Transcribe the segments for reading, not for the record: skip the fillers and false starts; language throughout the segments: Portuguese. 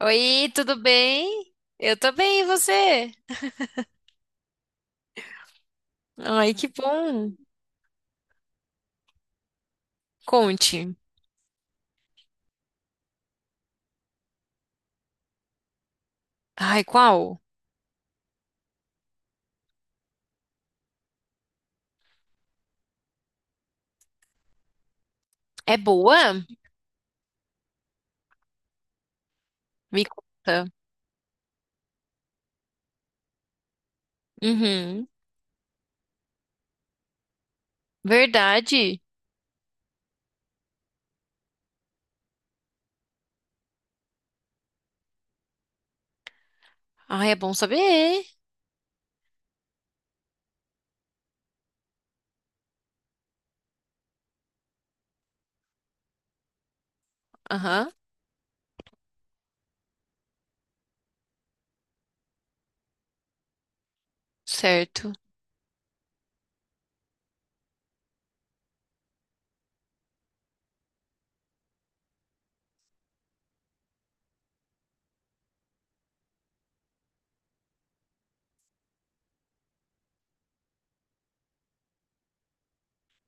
Oi, tudo bem? Eu tô bem, e você? Ai, que bom. Conte. Ai, qual? É boa? Me conta. Uhum. Verdade. Ai, é bom saber. Aham, certo.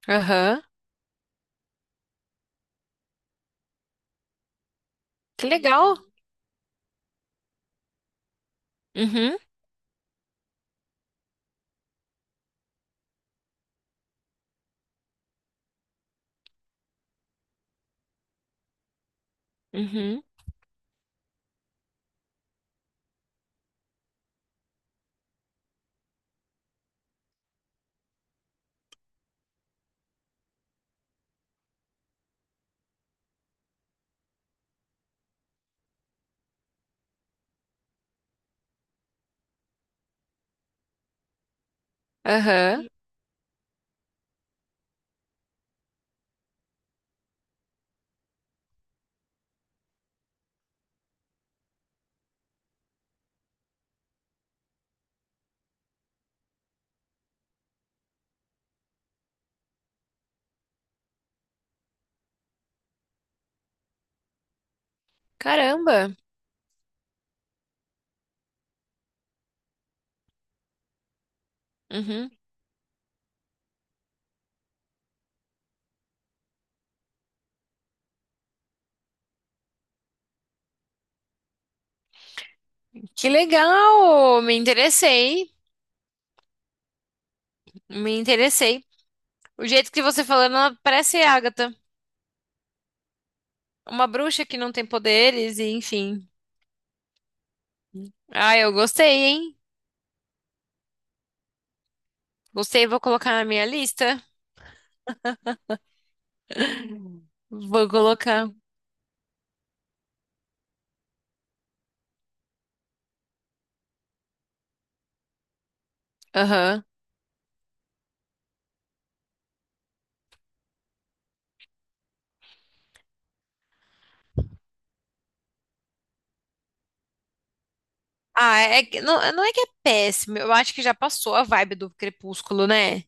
Aham. Que legal. Uhum, uhum, aham. Caramba. Uhum. Que legal. Me interessei. Me interessei. O jeito que você falando, ela parece Agatha. Uma bruxa que não tem poderes e enfim. Ah, eu gostei, hein? Gostei, vou colocar na minha lista. Vou colocar. Aham. Ah, é, não, não é que é péssimo. Eu acho que já passou a vibe do Crepúsculo, né?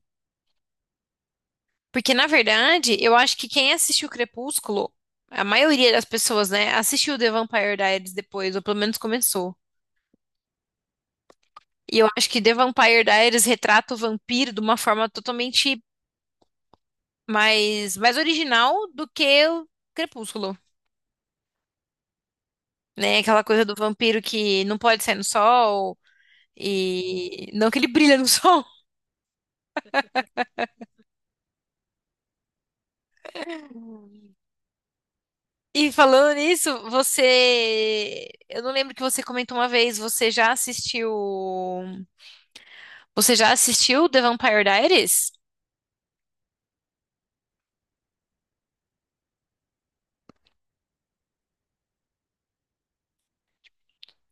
Porque, na verdade, eu acho que quem assistiu Crepúsculo, a maioria das pessoas, né, assistiu The Vampire Diaries depois, ou pelo menos começou. E eu acho que The Vampire Diaries retrata o vampiro de uma forma totalmente mais original do que o Crepúsculo, né? Aquela coisa do vampiro que não pode sair no sol. E não que ele brilha no sol. E falando nisso, você. Eu não lembro que você comentou uma vez, você já assistiu. Você já assistiu The Vampire Diaries?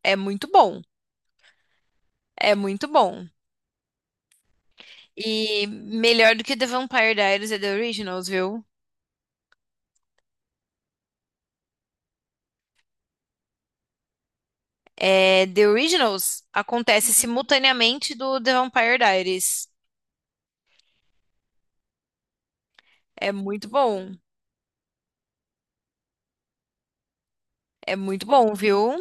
É muito bom. É muito bom. E melhor do que The Vampire Diaries é The Originals, viu? É, The Originals acontece simultaneamente do The Vampire Diaries. É muito bom. É muito bom, viu?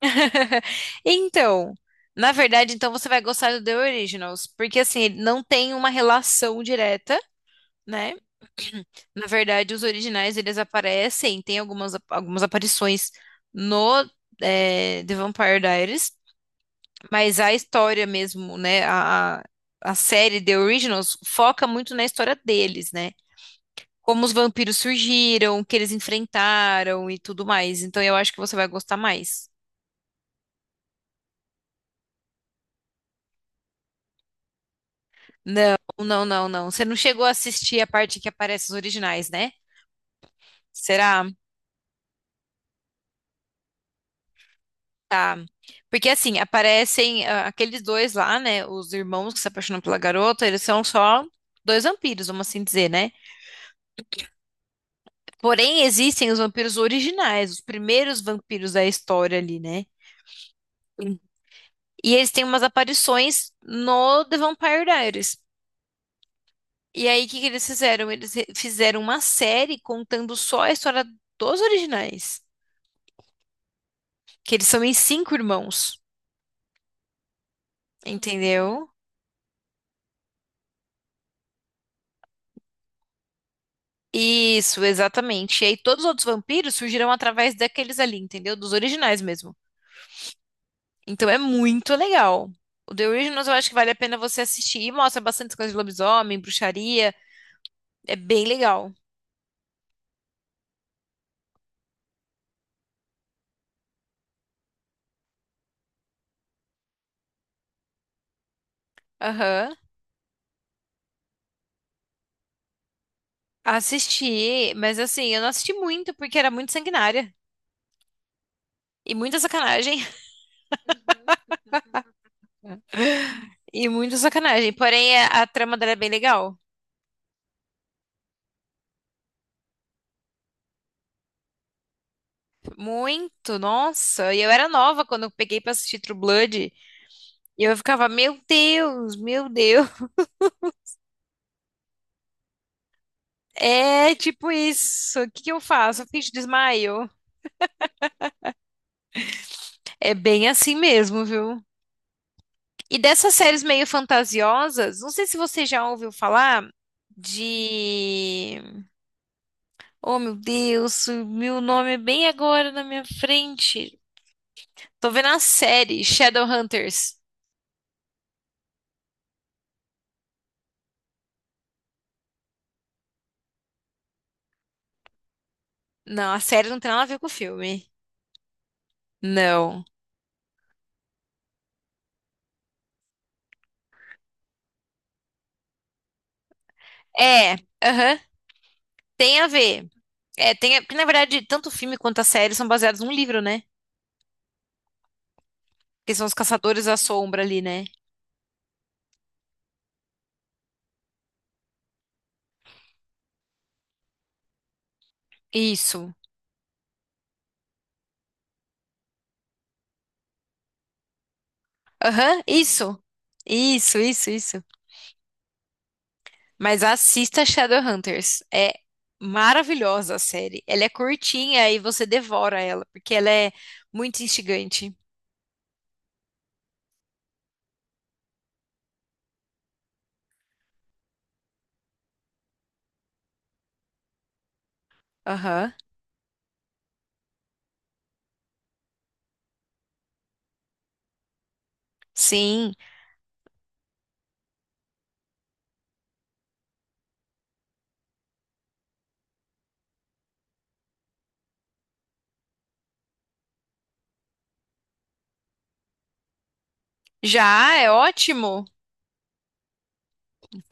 Então, na verdade, então você vai gostar do The Originals, porque assim, ele não tem uma relação direta, né? Na verdade, os originais eles aparecem, tem algumas, algumas aparições no The Vampire Diaries, mas a história mesmo, né? A série The Originals foca muito na história deles, né? Como os vampiros surgiram, o que eles enfrentaram e tudo mais. Então eu acho que você vai gostar mais. Não, não, não, não. Você não chegou a assistir a parte que aparece os originais, né? Será? Tá. Porque assim, aparecem ah, aqueles dois lá, né? Os irmãos que se apaixonam pela garota, eles são só dois vampiros, vamos assim dizer, né? Porém, existem os vampiros originais, os primeiros vampiros da história ali, né? Sim. E eles têm umas aparições no The Vampire Diaries. E aí, o que que eles fizeram? Eles fizeram uma série contando só a história dos originais. Que eles são em 5 irmãos, entendeu? Isso, exatamente. E aí todos os outros vampiros surgiram através daqueles ali, entendeu? Dos originais mesmo. Então é muito legal. O The Originals eu acho que vale a pena você assistir. E mostra bastante coisa de lobisomem, bruxaria. É bem legal. Aham. Assisti, mas assim, eu não assisti muito porque era muito sanguinária. E muita sacanagem. E muita sacanagem. Porém, a trama dela é bem legal. Muito, nossa. E eu era nova quando eu peguei pra assistir True Blood. E eu ficava, meu Deus, meu Deus. É tipo isso. O que que eu faço? Eu finjo desmaio. É bem assim mesmo, viu? E dessas séries meio fantasiosas, não sei se você já ouviu falar de. Oh, meu Deus, o meu nome é bem agora na minha frente. Tô vendo a série Shadowhunters. Não, a série não tem nada a ver com o filme. Não. É, aham, tem a ver. É, tem a... Porque, na verdade, tanto o filme quanto a série são baseados num livro, né? Que são os Caçadores da Sombra ali, né? Isso. Aham, isso. Isso, isso, isso. Mas assista Shadowhunters. É maravilhosa a série. Ela é curtinha e você devora ela, porque ela é muito instigante. Aham. Sim. Já é ótimo.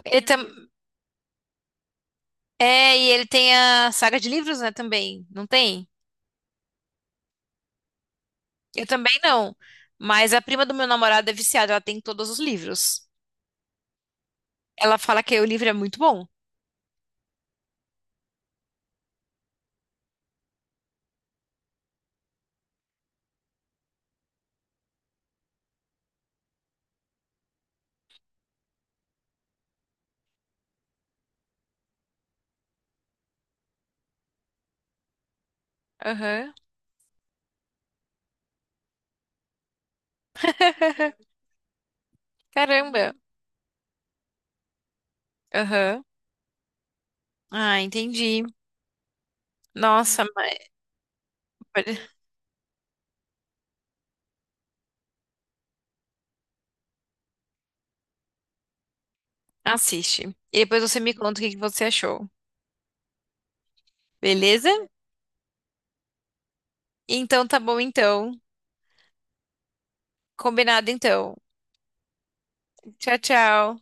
Ele tam... É, e ele tem a saga de livros, né, também. Não tem? Eu também não. Mas a prima do meu namorado é viciada, ela tem todos os livros. Ela fala que o livro é muito bom. Aham. Caramba. Aham. Ah, entendi. Nossa, mas... Assiste. E depois você me conta o que que você achou. Beleza? Então tá bom então. Combinado então. Tchau, tchau.